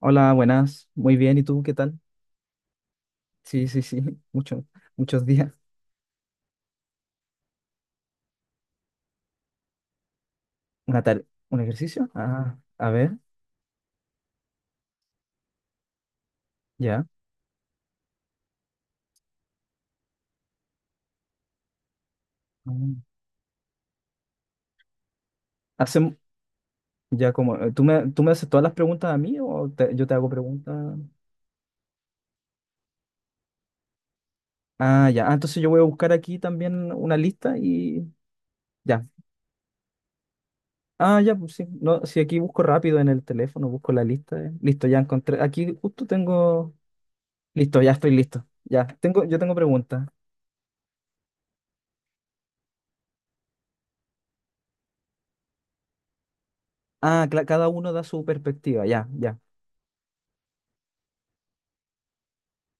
Hola, buenas. Muy bien, ¿y tú qué tal? Sí, sí, sí, muchos, muchos días. ¿Un ejercicio? Ah, a ver, ya. Mm. Hacem- ya como, ¿tú me haces todas las preguntas a mí o yo te hago preguntas? Ah, ya. Ah, entonces yo voy a buscar aquí también una lista y ya. Ah, ya, pues sí. No, si aquí busco rápido en el teléfono, busco la lista. Listo, ya encontré. Aquí justo tengo. Listo, ya estoy listo. Ya, yo tengo preguntas. Ah, cada uno da su perspectiva. Ya, ya.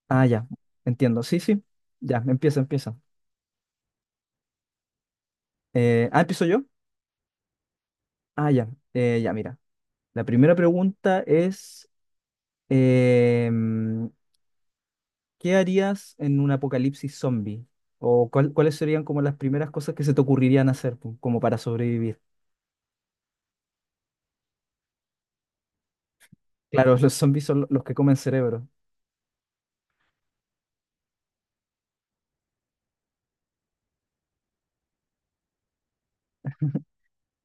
Ah, ya, entiendo. Sí, sí. Ya, empieza, empieza. Empiezo yo. Ah, ya, ya, mira. La primera pregunta es, em, ¿qué harías en un apocalipsis zombie? ¿O cuáles serían como las primeras cosas que se te ocurrirían hacer como para sobrevivir? Claro, los zombies son los que comen cerebro.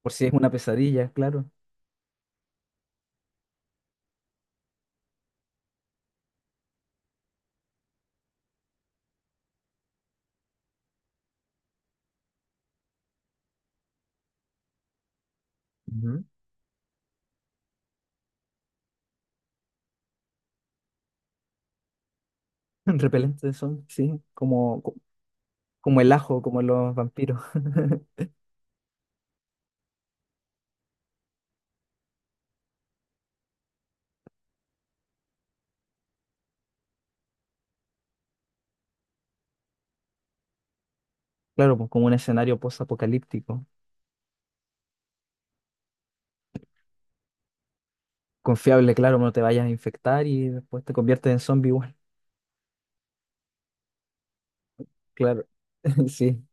Por si es una pesadilla, claro. Ujú. Repelente de zombies, sí. Como el ajo, como los vampiros. Claro, pues como un escenario post-apocalíptico. Confiable, claro, no te vayas a infectar y después te conviertes en zombie igual. Claro, sí.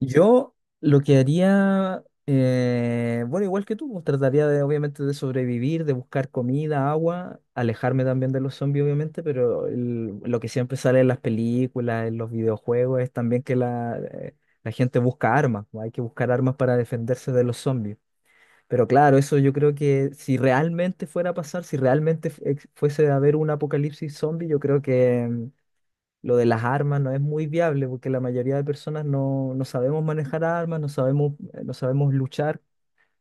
Yo lo que haría, bueno, igual que tú, pues, trataría de, obviamente, de sobrevivir, de buscar comida, agua, alejarme también de los zombies, obviamente, pero lo que siempre sale en las películas, en los videojuegos, es también que la, la gente busca armas, pues, hay que buscar armas para defenderse de los zombies. Pero claro, eso yo creo que si realmente fuera a pasar, si realmente fuese a haber un apocalipsis zombie, yo creo que lo de las armas no es muy viable porque la mayoría de personas no sabemos manejar armas, no sabemos, no sabemos luchar,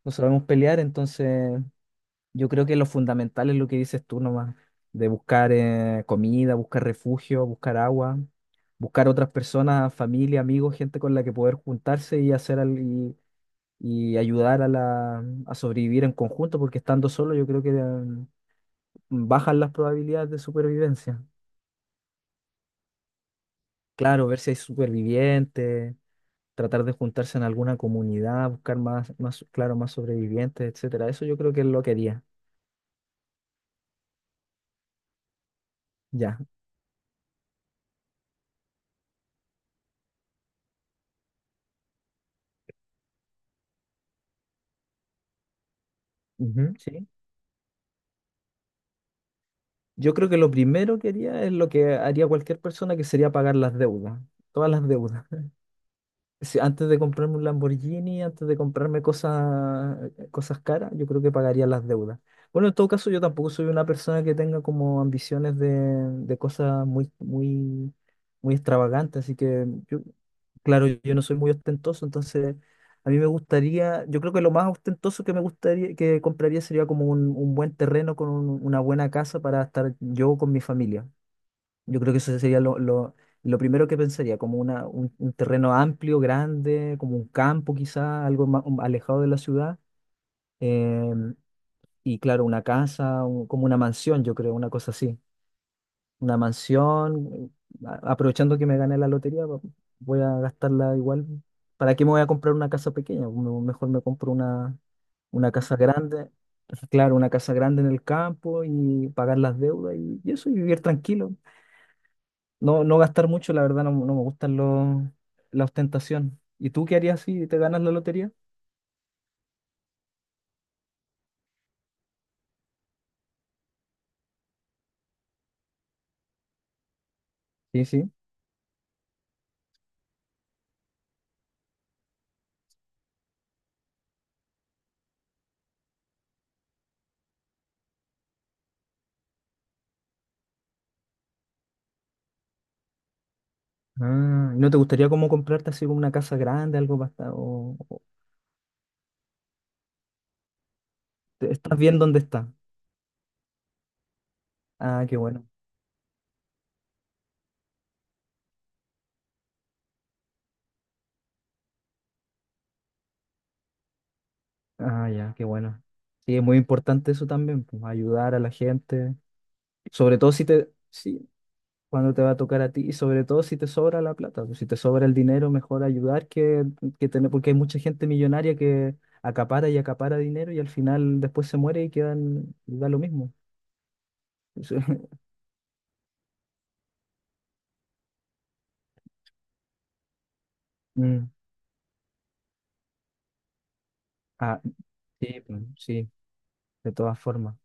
no sabemos pelear. Entonces, yo creo que lo fundamental es lo que dices tú nomás, de buscar comida, buscar refugio, buscar agua, buscar otras personas, familia, amigos, gente con la que poder juntarse y hacer algo y ayudar a sobrevivir en conjunto, porque estando solo yo creo que bajan las probabilidades de supervivencia. Claro, ver si hay supervivientes, tratar de juntarse en alguna comunidad, buscar claro, más sobrevivientes, etcétera. Eso yo creo que es lo que haría. Ya. Ujú, sí. Yo creo que lo primero que haría es lo que haría cualquier persona, que sería pagar las deudas, todas las deudas. Si antes de comprarme un Lamborghini, antes de comprarme cosas, cosas caras, yo creo que pagaría las deudas. Bueno, en todo caso, yo tampoco soy una persona que tenga como ambiciones de cosas muy, muy, muy extravagantes, así que yo, claro, yo no soy muy ostentoso, entonces a mí me gustaría, yo creo que lo más ostentoso que me gustaría, que compraría sería como un buen terreno con una buena casa para estar yo con mi familia. Yo creo que eso sería lo primero que pensaría, como un terreno amplio, grande, como un campo quizá, algo más alejado de la ciudad. em, y claro, una casa, como una mansión, yo creo, una cosa así. Una mansión, aprovechando que me gané la lotería, voy a gastarla igual. ¿Para qué me voy a comprar una casa pequeña? Mejor me compro una casa grande, claro, una casa grande en el campo y pagar las deudas y eso, y vivir tranquilo. No, no gastar mucho, la verdad, no me gustan la ostentación. ¿Y tú qué harías si te ganas la lotería? Sí, sí. Ah, ¿no te gustaría como comprarte así como una casa grande, algo para estás bien donde estás? Ah, qué bueno. Ah, ya, qué bueno. Sí, es muy importante eso también, pues, ayudar a la gente. Sobre todo si te, sí cuando te va a tocar a ti y sobre todo si te sobra la plata, pues, si te sobra el dinero, mejor ayudar que tener, porque hay mucha gente millonaria que acapara y acapara dinero y al final después se muere y quedan, y da lo mismo. Eso- Mm. Ah, sí, pues, sí, de todas formas.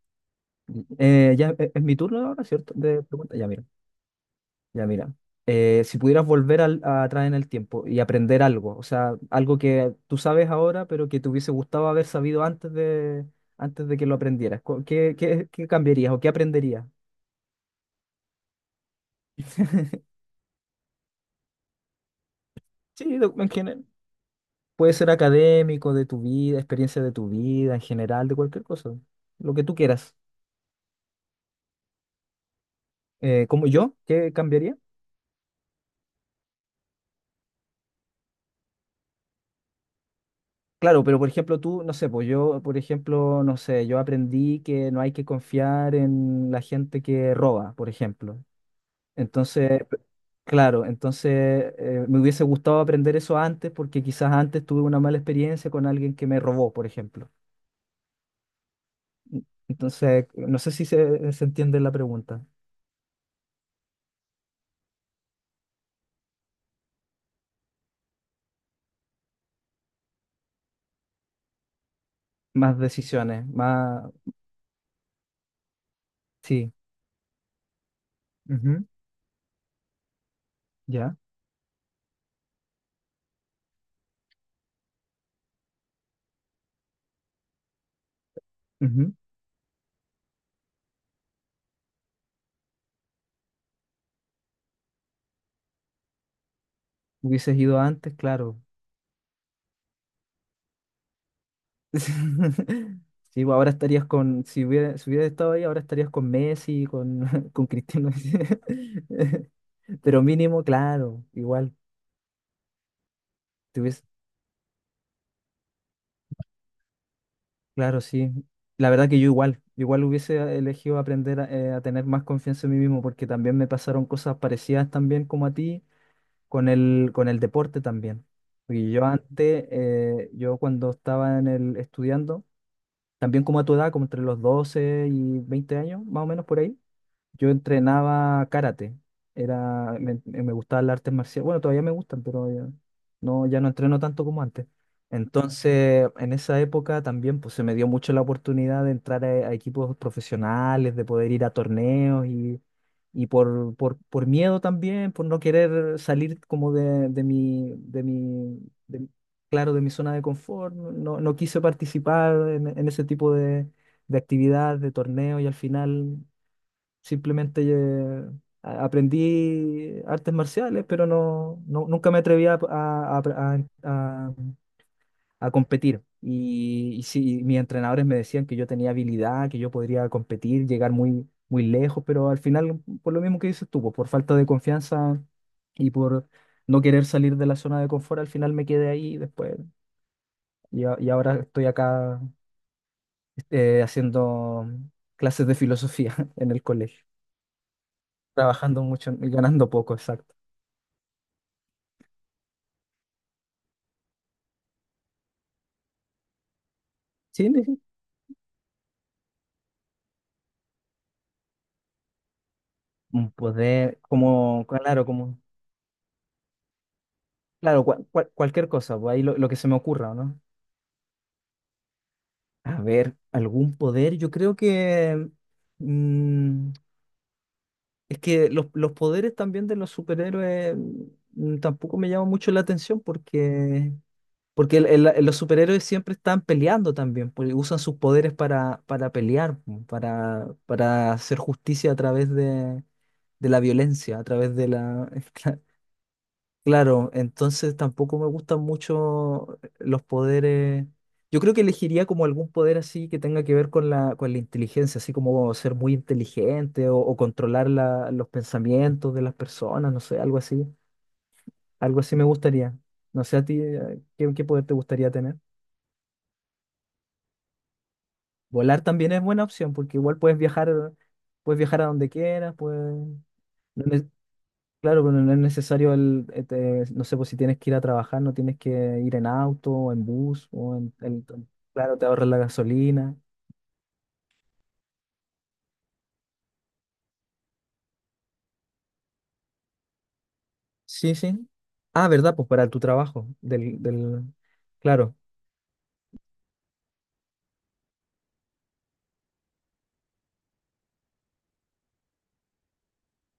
Ya es mi turno ahora, ¿cierto? De pregunta. Ya, mira. Ya mira, si pudieras volver a atrás en el tiempo y aprender algo, o sea, algo que tú sabes ahora, pero que te hubiese gustado haber sabido antes de que lo aprendieras, qué cambiarías o qué aprenderías? Sí, en general. Puede ser académico, de tu vida, experiencia de tu vida, en general, de cualquier cosa, lo que tú quieras. ¿Cómo yo? ¿Qué cambiaría? Claro, pero por ejemplo tú, no sé, pues yo, por ejemplo, no sé, yo aprendí que no hay que confiar en la gente que roba, por ejemplo. Entonces, claro, entonces me hubiese gustado aprender eso antes porque quizás antes tuve una mala experiencia con alguien que me robó, por ejemplo. Entonces, no sé si se entiende la pregunta. Más decisiones, más... Sí, ujú, ya. Ujú. Hubieses ido antes, claro. Sí, pues ahora estarías con, si hubiera, si hubiera estado ahí, ahora estarías con Messi, con, con Cristiano. Pero mínimo, claro, igual. Claro, sí. La verdad que yo igual, igual hubiese elegido aprender a tener más confianza en mí mismo, porque también me pasaron cosas parecidas también como a ti con con el deporte también. Porque yo antes, yo cuando estaba en el estudiando, también como a tu edad, como entre los 12 y 20 años, más o menos por ahí, yo entrenaba karate. Era, me gustaban las artes marciales. Bueno, todavía me gustan, pero no, ya no entreno tanto como antes. Entonces, en esa época también pues, se me dio mucho la oportunidad de entrar a equipos profesionales, de poder ir a torneos y por miedo también, por no querer salir como de- claro, de mi zona de confort, no quise participar en ese tipo de actividades, de torneos y al final, simplemente aprendí artes marciales, pero nunca me atreví a competir. Y sí, mis entrenadores me decían que yo tenía habilidad, que yo podría competir, llegar muy, muy lejos, pero al final, por lo mismo que dices tú, pues, por falta de confianza y por no querer salir de la zona de confort, al final me quedé ahí después. Y ahora estoy acá haciendo clases de filosofía en el colegio. Trabajando mucho y ganando poco, exacto. Sí, sí, sí. Un poder, como, claro, cualquier cosa, pues ahí lo que se me ocurra, ¿o no? A ver, algún poder, yo creo que, mm, es que los poderes también de los superhéroes tampoco me llaman mucho la atención, porque los superhéroes siempre están peleando también, porque usan sus poderes para pelear, para hacer justicia a través de la violencia, a través de la... Claro, entonces tampoco me gustan mucho los poderes. Yo creo que elegiría como algún poder así que tenga que ver con la inteligencia, así como ser muy inteligente o controlar los pensamientos de las personas, no sé, algo así. Algo así me gustaría. No sé a ti, qué poder te gustaría tener? Volar también es buena opción, porque igual puedes viajar a donde quieras, pues, no es- claro, pero no es necesario este, no sé, pues si tienes que ir a trabajar, no tienes que ir en auto, o en bus, claro, te ahorras la gasolina. Sí, sí. Ah, ¿verdad? Pues para tu trabajo, del, claro.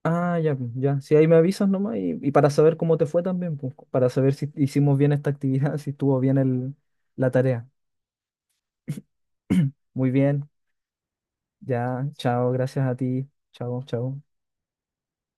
Ah, ya, pues, ya. Si ahí me avisas nomás y para saber cómo te fue también, pues, para saber si hicimos bien esta actividad, si estuvo bien la tarea. Muy bien. Ya, chao, gracias a ti. Chao, chao.